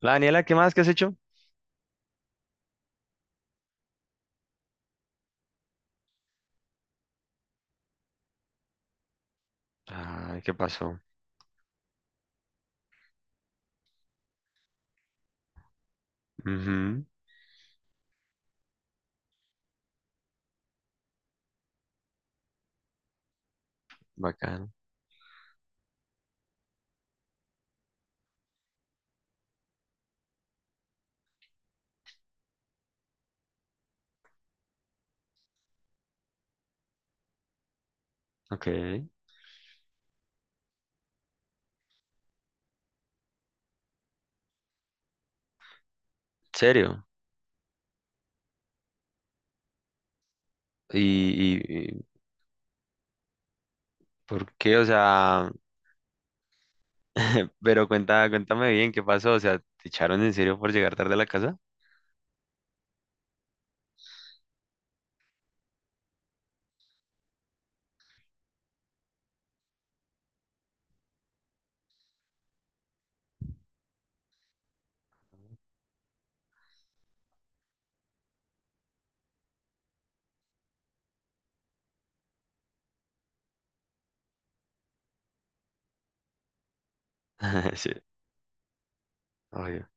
La Daniela, ¿qué más? ¿Qué has hecho? Ay, ¿qué pasó? Ujú, bacano. Ok. ¿Serio? ¿Y por qué? O sea, pero cuenta, cuéntame bien, ¿qué pasó? O sea, ¿te echaron en serio por llegar tarde a la casa? Sí. Obvio.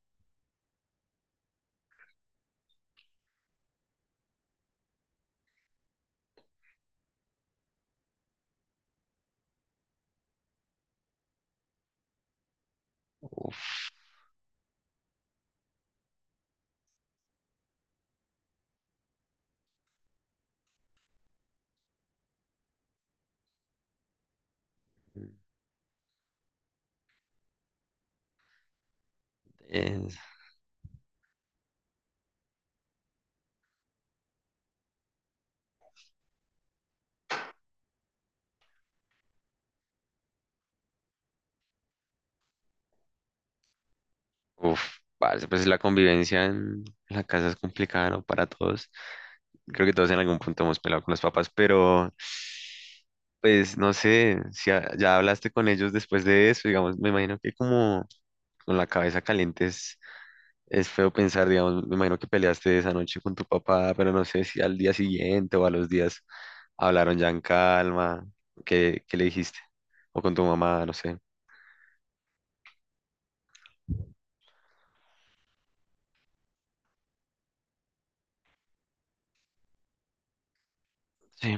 Uf. es- Uf, parce, pues la convivencia en la casa es complicada, ¿no? Para todos. Creo que todos en algún punto hemos peleado con los papás, pero pues no sé, si ya hablaste con ellos después de eso. Digamos, me imagino que como con la cabeza caliente es feo pensar. Digamos, me imagino que peleaste esa noche con tu papá, pero no sé si al día siguiente o a los días hablaron ya en calma. ¿Qué, qué le dijiste? O con tu mamá, no sé. Sí.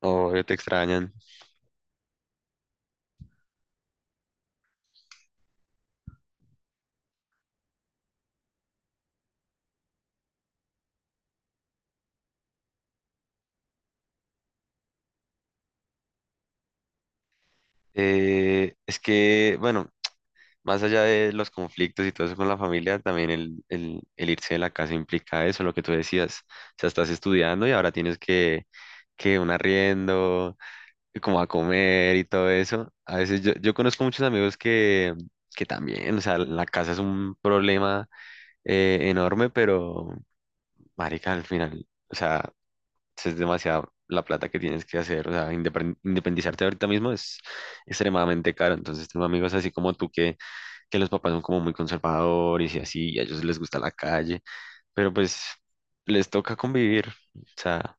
O te extrañan. Es que, bueno, más allá de los conflictos y todo eso con la familia, también el irse de la casa implica eso, lo que tú decías. O sea, estás estudiando y ahora tienes que un arriendo, como a comer y todo eso. A veces yo conozco muchos amigos que también, o sea, la casa es un problema enorme, pero marica, al final, o sea, si es demasiada la plata que tienes que hacer, o sea, independizarte ahorita mismo es extremadamente caro. Entonces tengo amigos así como tú que los papás son como muy conservadores y así, y a ellos les gusta la calle, pero pues les toca convivir, o sea,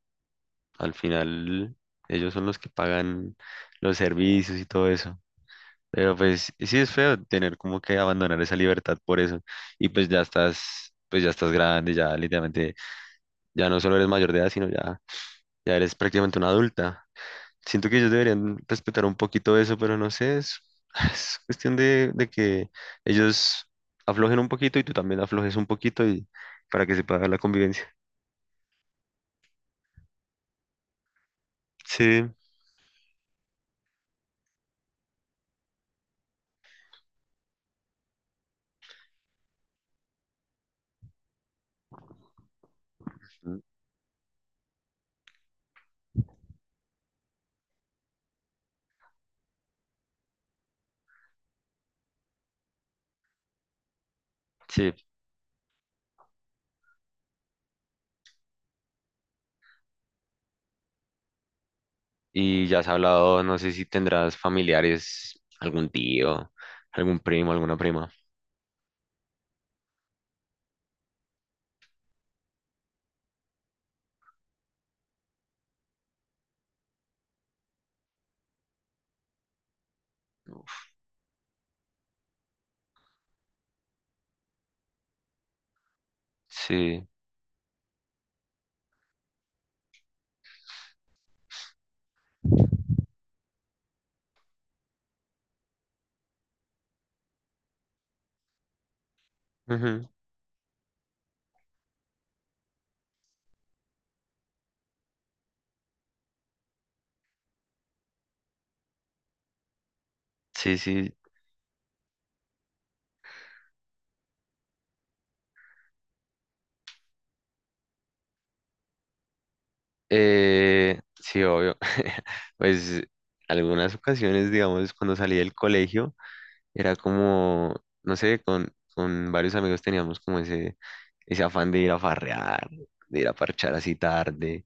al final ellos son los que pagan los servicios y todo eso. Pero pues sí es feo tener como que abandonar esa libertad por eso. Y pues ya estás grande, ya literalmente, ya no solo eres mayor de edad, sino ya, ya eres prácticamente una adulta. Siento que ellos deberían respetar un poquito eso, pero no sé, es, es cuestión de que ellos aflojen un poquito y tú también aflojes un poquito y para que se pueda dar la convivencia. Sí. Mm, sí. Y ya has hablado, no sé si tendrás familiares, algún tío, algún primo, alguna prima. Sí. Ujú. Sí, sí, sí, obvio. Pues algunas ocasiones, digamos, cuando salí del colegio, era como, no sé, con varios amigos teníamos como ese afán de ir a farrear, de ir a parchar así tarde,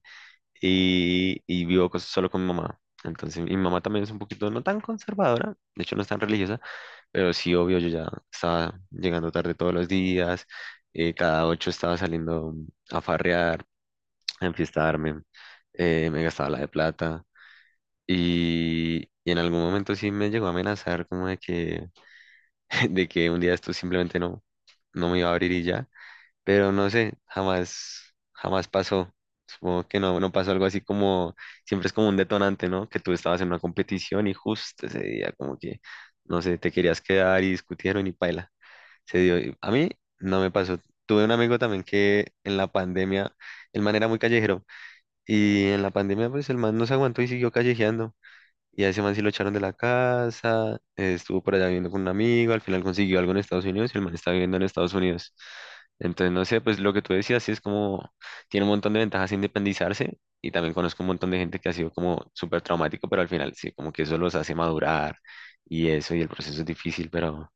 y vivo solo con mi mamá. Entonces, mi mamá también es un poquito no tan conservadora, de hecho no es tan religiosa, pero sí, obvio, yo ya estaba llegando tarde todos los días, cada ocho estaba saliendo a farrear a enfiestarme. Me gastaba la de plata y en algún momento sí me llegó a amenazar como de que, de que un día esto simplemente no, no me iba a abrir y ya, pero no sé, jamás, jamás pasó. Supongo que no, no pasó algo así como, siempre es como un detonante, ¿no? Que tú estabas en una competición y justo ese día como que, no sé, te querías quedar y discutieron y paila. Se dio. Y a mí no me pasó. Tuve un amigo también que en la pandemia, el man era muy callejero y en la pandemia, pues el man no se aguantó y siguió callejeando. Y a ese man sí lo echaron de la casa. Estuvo por allá viviendo con un amigo, al final consiguió algo en Estados Unidos y el man está viviendo en Estados Unidos. Entonces, no sé, pues lo que tú decías, sí es como, tiene un montón de ventajas independizarse y también conozco un montón de gente que ha sido como súper traumático, pero al final sí, como que eso los hace madurar y eso, y el proceso es difícil, pero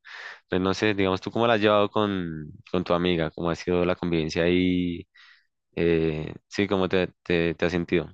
pues no sé, digamos, ¿tú cómo la has llevado con tu amiga? ¿Cómo ha sido la convivencia ahí? Sí, ¿cómo te has sentido?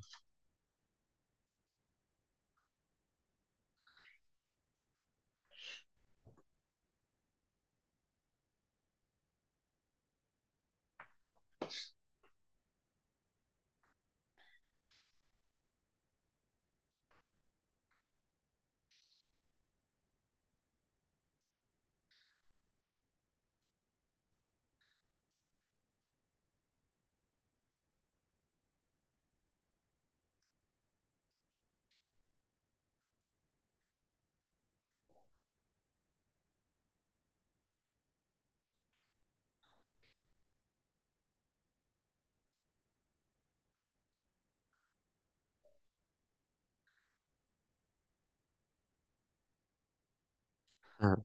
Ah,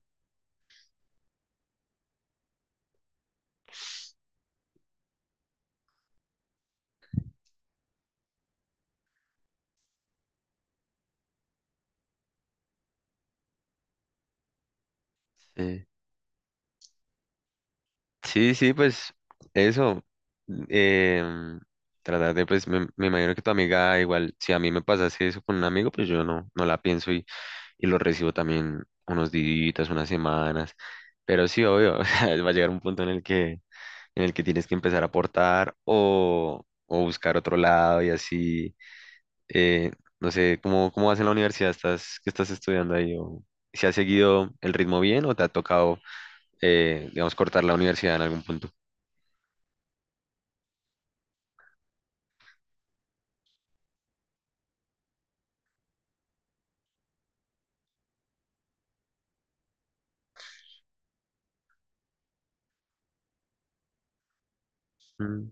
sí. Sí, sí, pues eso. em, Tratar de, pues me imagino que tu amiga igual, si a mí me pasase eso con un amigo, pues yo no, no la pienso y lo recibo también unos días, unas semanas. Pero sí, obvio, o sea, va a llegar un punto en el que tienes que empezar a aportar o buscar otro lado y así. eh, no sé, ¿cómo, cómo vas en la universidad? ¿Estás, qué estás estudiando ahí? ¿O si has seguido el ritmo bien o te ha tocado digamos, cortar la universidad en algún punto? Mm,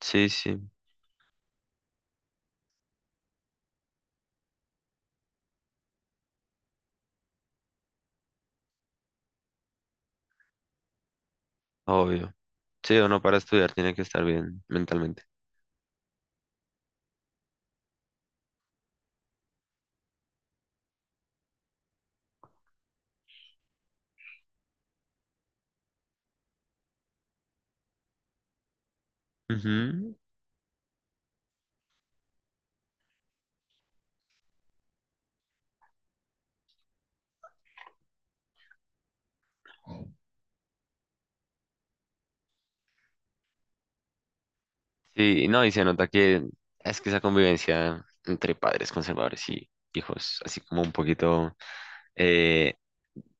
sí, sí, obvio. Sí, uno para estudiar tiene que estar bien mentalmente. Ujú. Sí, no, y se nota que es que esa convivencia entre padres conservadores y hijos, así como un poquito eh,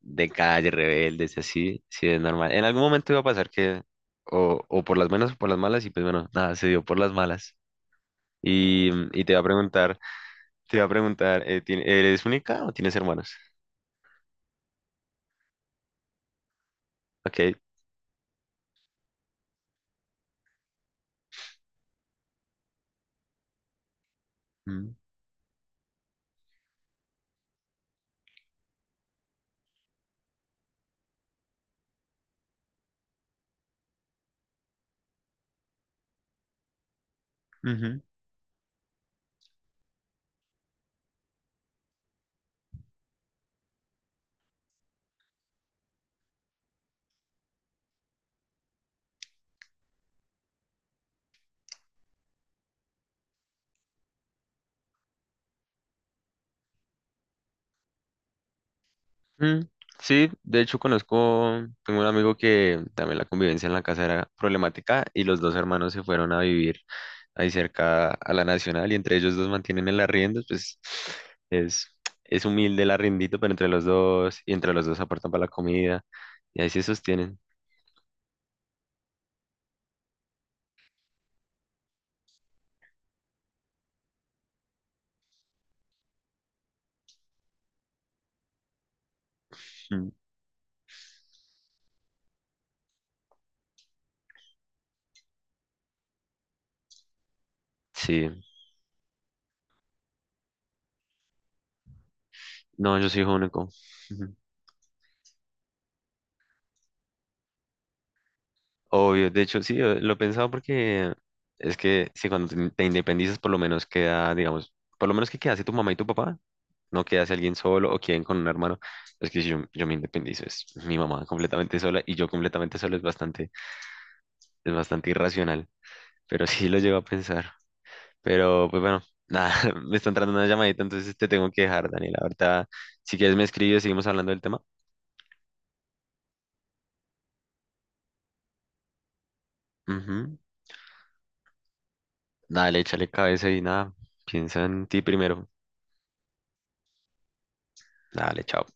de calle, rebeldes, así, sí es normal. En algún momento iba a pasar que, o por las buenas o por las malas, y pues bueno, nada, se dio por las malas. Y, y te iba a preguntar, te iba a preguntar, ¿eres única o tienes hermanos? Ok, mm, ujú, mm. Sí, de hecho conozco, tengo un amigo que también la convivencia en la casa era problemática y los dos hermanos se fueron a vivir ahí cerca a la Nacional y entre ellos dos mantienen el arriendo, pues es, es humilde el arriendito, pero entre los dos y entre los dos aportan para la comida y ahí se sostienen. Mm, sí, no, yo soy hijo único. Ujú. Obvio, de hecho sí, lo he pensado porque es que si cuando te independizas por lo menos queda, digamos, por lo menos que queda así tu mamá y tu papá, no quedarse alguien solo o queden con un hermano. Es que si yo me independizo, es mi mamá completamente sola y yo completamente solo, es bastante irracional, pero sí lo llevo a pensar. Pero pues bueno, nada, me está entrando una llamadita, entonces te tengo que dejar, Daniela. Ahorita, si quieres me escribes, y seguimos hablando del tema. Ujú. Dale, échale cabeza y nada, piensa en ti primero. Dale, chao.